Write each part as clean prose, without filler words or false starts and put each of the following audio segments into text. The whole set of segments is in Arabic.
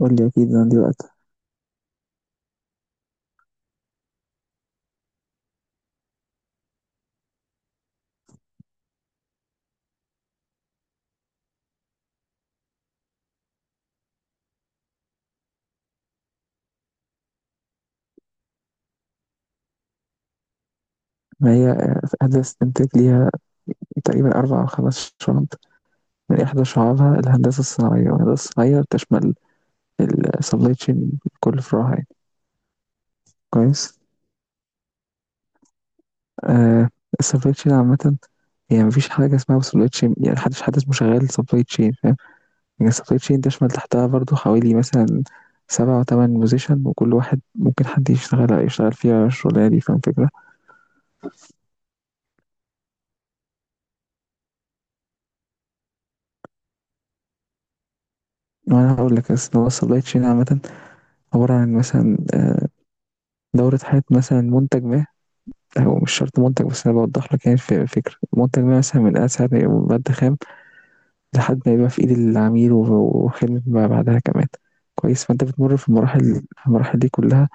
قُل لي أكيد أنا دلوقتي، ما هي هندسة إنتاج ليها تقريبًا 4 أو 5 شُعَب، من إحدى شُعَبها الهندسة الصناعية، والهندسة الصناعية بتشمل الsupply chain بكل فروعها يعني. كويس، آآ الsupply chain عامةً، هي ما فيش حاجة اسمها supply chain، يعني ما حدش حد اسمه شغّال supply chain، فاهم؟ يعني الsupply chain تشمل تحتها برضه حوالي مثلًا 7 أو 8 position، وكل واحد ممكن حد يشتغل فيها الشُغلانة دي، فاهم الفكرة؟ ما أنا هاقول لك. أصل هو الsupply chain عامةً عبارة عن مثلًا دورة حياة مثلا منتج ما. هو مش شرط منتج، بس أنا بوضح لك يعني الفكرة. منتج ما مثلا من ساعة ما يبقى مادة خام لحد ما يبقى في إيد العميل وخدمة ما بعدها كمان. كويس، فأنت بتمر في المراحل دي كلها.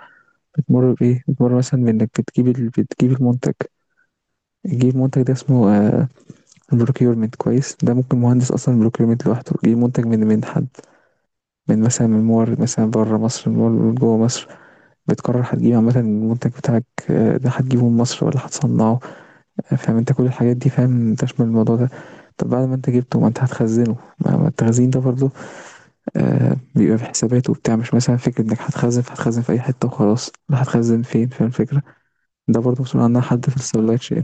بتمر بإيه؟ بتمر مثلا بإنك بتجيب بتجيب المنتج. تجيب منتج ده اسمه بروكيورمنت، كويس. ده ممكن مهندس اصلا بروكيورمنت لوحده يجيب منتج من حد، من مثلا من مورد مثلا بره مصر، من مورد جوه مصر. بتقرر هتجيب عامة المنتج بتاعك آه، ده هتجيبه من مصر ولا هتصنعه، فاهم أنت؟ كل الحاجات دي فاهم تشمل الموضوع ده. طب بعد ما أنت جبته، ما أنت هتخزنه. ما التخزين ده برضه آه، بيبقى في حسابات وبتاع. مش مثلا فكرة إنك هتخزن، فهتخزن في أي حتة وخلاص. لا، هتخزن فين، فاهم الفكرة؟ ده برضه مسؤول عنها حد في السبلاي تشين.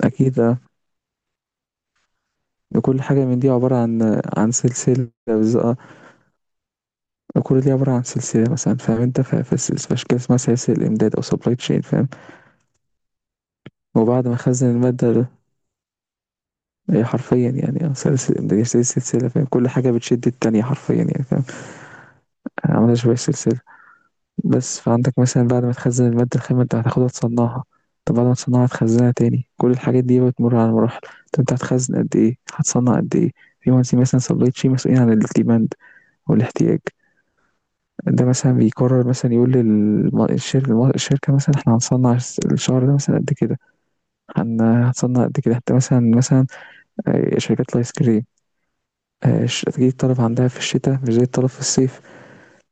أكيد آه، كل حاجة من دي عبارة عن سلسلة، آه، كل دي عبارة عن سلسلة مثلا، فاهم انت؟ في أشكال اسمها سلاسل إمداد أو سبلاي تشين، فاهم؟ وبعد ما خزن المادة ده، هي حرفيا يعني اه سلاسل إمداد، هي سلسلة فاهم؟ كل حاجة بتشد التانية حرفيا يعني، فاهم؟ عاملة شبه السلسلة. بس فعندك مثلا بعد ما تخزن المادة الخام، انت هتاخدها تصنعها. طب بعد ما تصنعها تخزنها تاني، كل الحاجات دي بتمر على مراحل. طب انت هتخزن قد ايه، هتصنع قد ايه؟ في مهندسين مثلا سبلاي تشين مسؤولين عن الديماند والاحتياج. ده مثلا بيقرر مثلا يقول للشركة، الشركة مثلا احنا هنصنع الشهر ده مثلا قد كده. هتصنع قد كده، حتى مثلا آه، شركات الايس كريم آه، تجي الطلب عندها في الشتاء مش زي الطلب في الصيف.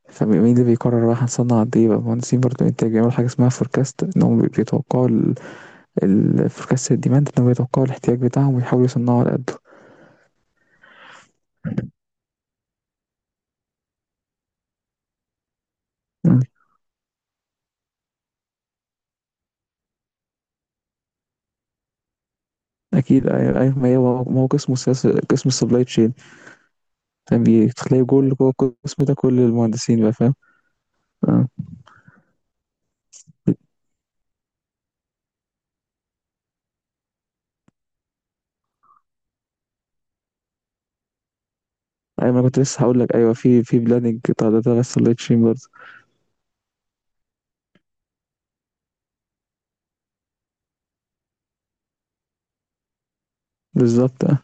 فمين اللي بيقرر بقى هنصنع قد ايه؟ بقى مهندسين برضه انتاج، بيعملوا حاجه اسمها فوركاست، ان هم بيتوقعوا الفوركاست الديماند، ان هم بيتوقعوا الاحتياج بتاعهم ويحاولوا يصنعوا على قده. مم. اكيد. ما هي، ما هو قسم السياسه، قسم السبلاي تشين. فبتلاقي جول جوه القسم ده كل المهندسين بقى، فاهم؟ اه. ايوه، ما أنا كنت لسه هقول لك. ايوه، في بلاننج بتاع ده بس سبلاي تشين برضه. بالظبط اه.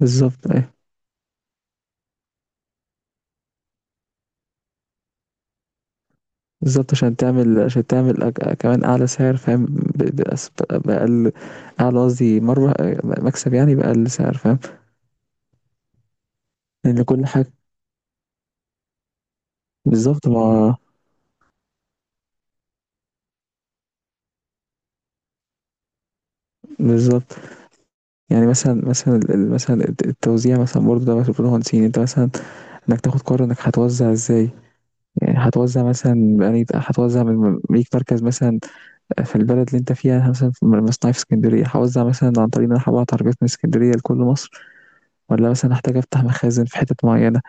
بالظبط أيوة. بالضبط، عشان تعمل أج أ كمان أعلى سعر، فاهم؟ ب بأس بأقل، أعلى قصدي مَرّة، مكسب يعني بأقل سعر، فاهم؟ لإن كل حاجة بالضبط. ما بالضبط، يعني مثلًا ال ال مثلًا التوزيع مثلًا برضه، ده مسؤولية مهندسين. أنت مثلًا إنك تاخد قرار إنك هتوزع إزاي، يعني هتوزع مثلًا بأنهي، هتوزع من ليك مركز مثلًا في البلد اللي أنت فيها. أنا مثلًا في مصنعي في إسكندرية، هاوزع مثلًا عن طريق إن أنا هابعت عربيات من إسكندرية لكل مصر، والّا مثلًا هاحتاج أفتح مخازن في حتت معينة.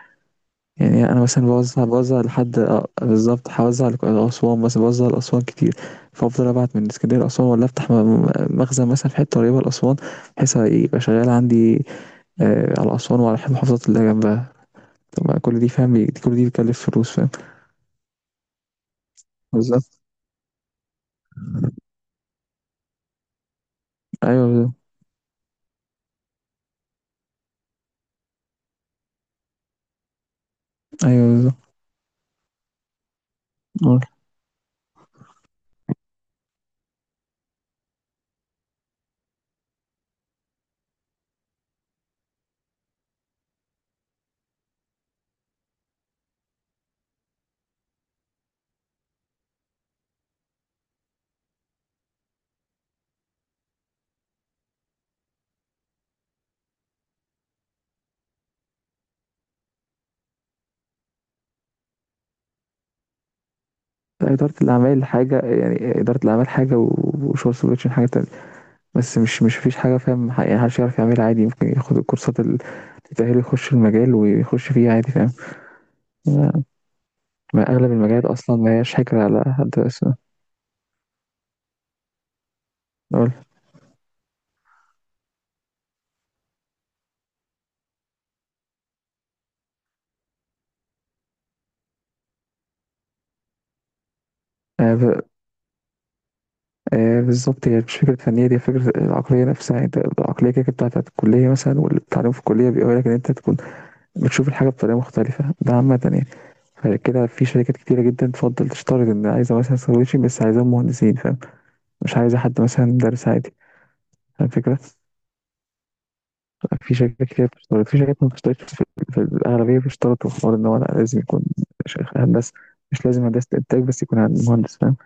يعني انا مثلا بوزع لحد آه، بالظبط، هوزع لاسوان مثلا، بوزع لاسوان كتير. فافضل ابعت من اسكندريه لاسوان، ولا افتح مخزن مثلا في حته قريبه لاسوان، بحيث يبقى شغال عندي آه على اسوان وعلى المحافظات اللي جنبها. طب ما كل دي فاهم، كل دي بتكلف فلوس، فاهم؟ بالظبط. ايوه بالظبط. ايوه بالظبط. آه. إدارة الأعمال حاجة، يعني إدارة الأعمال حاجة وشغل سبلاي حاجة تانية. بس مش فيش حاجة، فاهم؟ يعني محدش يعرف يعملها عادي، ممكن ياخد الكورسات اللي تأهله يخش المجال ويخش فيه عادي، فاهم؟ ما أغلب المجالات أصلا ما هياش حكر على حد اسمه نقول. آه ب... آه بالظبط، هي مش فكرة فنية، دي فكرة العقلية نفسها. يعني انت العقلية كده كده بتاعت الكلية مثلا، والتعليم في الكلية بيقول لك إن أنت تكون بتشوف الحاجة بطريقة مختلفة، ده عامة يعني. فكده في شركات كتيرة جدا تفضل تشترط إن عايزة مثلا سكرتير، بس عايزة مهندسين، فاهم؟ مش عايزة حد مثلا مدرس عادي، فاهم الفكرة؟ في شركات كتير بتشترط، في شركات ما بتشترطش. في الأغلبية بيشترطوا حوار إن هو لأ، لازم يكون هندسة. مش لازم هندسة إنتاج بس، يكون مهندس، فاهم؟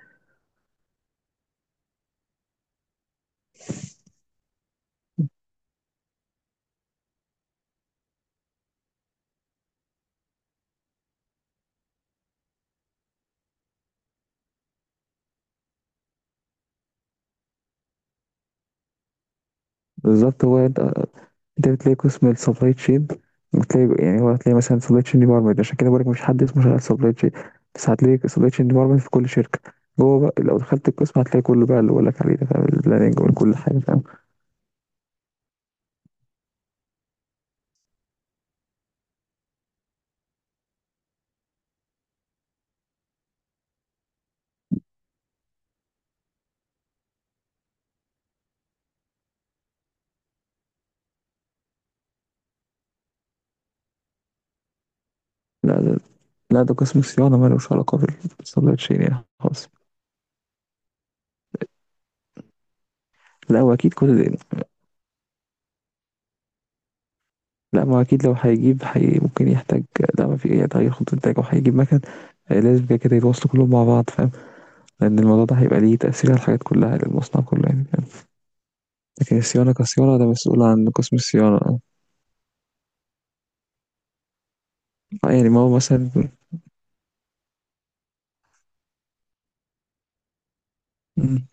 بالظبط. هو انت، بتلاقي قسم السبلاي تشين. بتلاقي يعني، هو هتلاقي مثلا سبلاي تشين ديبارتمنت، عشان كده بقولك مفيش حد اسمه شغال سبلاي تشين، بس هتلاقي سبلاي تشين ديبارتمنت في كل شركه. جوه بقى لو دخلت القسم هتلاقي كله بقى اللي بقولك عليه ده، فاهم؟ البلاننج وكل حاجه، فاهم؟ لا ده لا، ده قسم الصيانه مالوش علاقه بالسبلاي تشين يعني، خالص. لا هو اكيد كل ده. لا، ما هو اكيد لو هيجيب حي ممكن يحتاج. لا، ما في أي تغيير خط انتاج او هيجيب مكن آه، لازم كده كده يتواصلوا كلهم مع بعض، فاهم؟ لان الموضوع ده هيبقى ليه تاثير على الحاجات كلها للمصنع كله يعني. لكن الصيانة كصيانة، ده مسؤول عن قسم الصيانة، اه. آه، يعني ما هو مثلا، مم،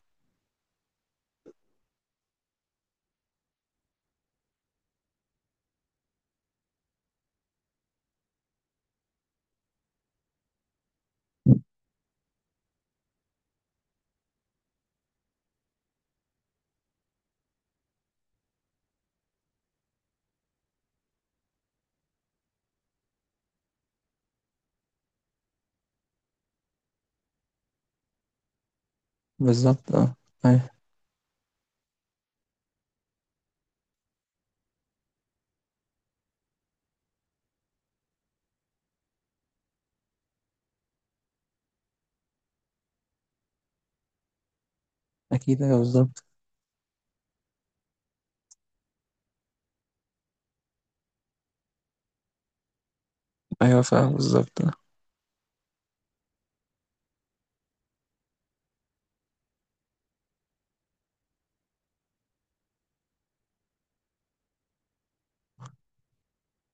بالظبط اه. أيوة، أكيد أيوة بالظبط. أيوة فاهم بالظبط اه.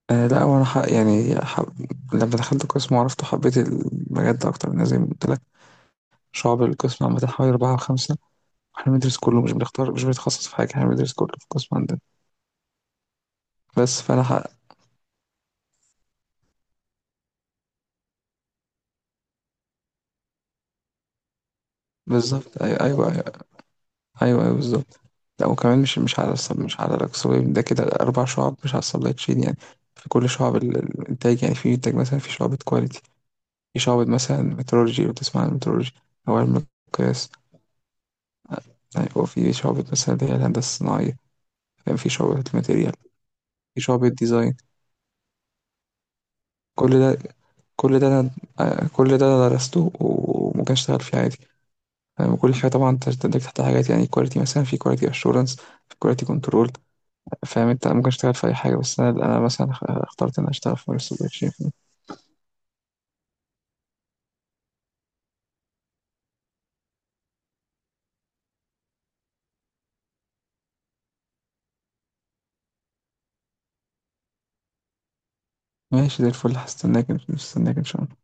آه، لا وأنا حق يعني لما دخلت القسم وعرفته حبيت المجال ده أكتر، من زي ما قلت لك. شعب القسم عامة حوالي أربعة أو خمسة. احنا بندرس كله، مش بنختار، مش بنتخصص في حاجة، احنا بندرس كله في القسم عندنا. بس فأنا حق بالظبط. أيوة أيوة. ايوه ايوه بالظبط. لا وكمان مش على مش على الاكسوبيم ده، كده اربع شعب مش على السبلاي تشين يعني. في كل شعب الانتاج يعني، في انتاج مثلا، في شعبة كواليتي، في شعبة مثلا مترولوجي، لو تسمع عن المترولوجي او علم القياس. يعني هو في شعبة مثلا اللي هي الهندسة الصناعية، فاهم؟ في شعبة الماتيريال، في شعبة ديزاين. كل ده، كل ده انا آه، كل ده انا درسته وممكن اشتغل فيه عادي، فاهم؟ كل حاجة طبعا تندرج تحت حاجات، يعني كواليتي مثلا، في كواليتي اشورنس، في كواليتي كنترول، فاهم انت؟ ممكن اشتغل في اي حاجه، بس انا مثلا اخترت ان أنا اشتغل في مارس السوشيال. ماشي زي الفل، هستناك ان شاء الله.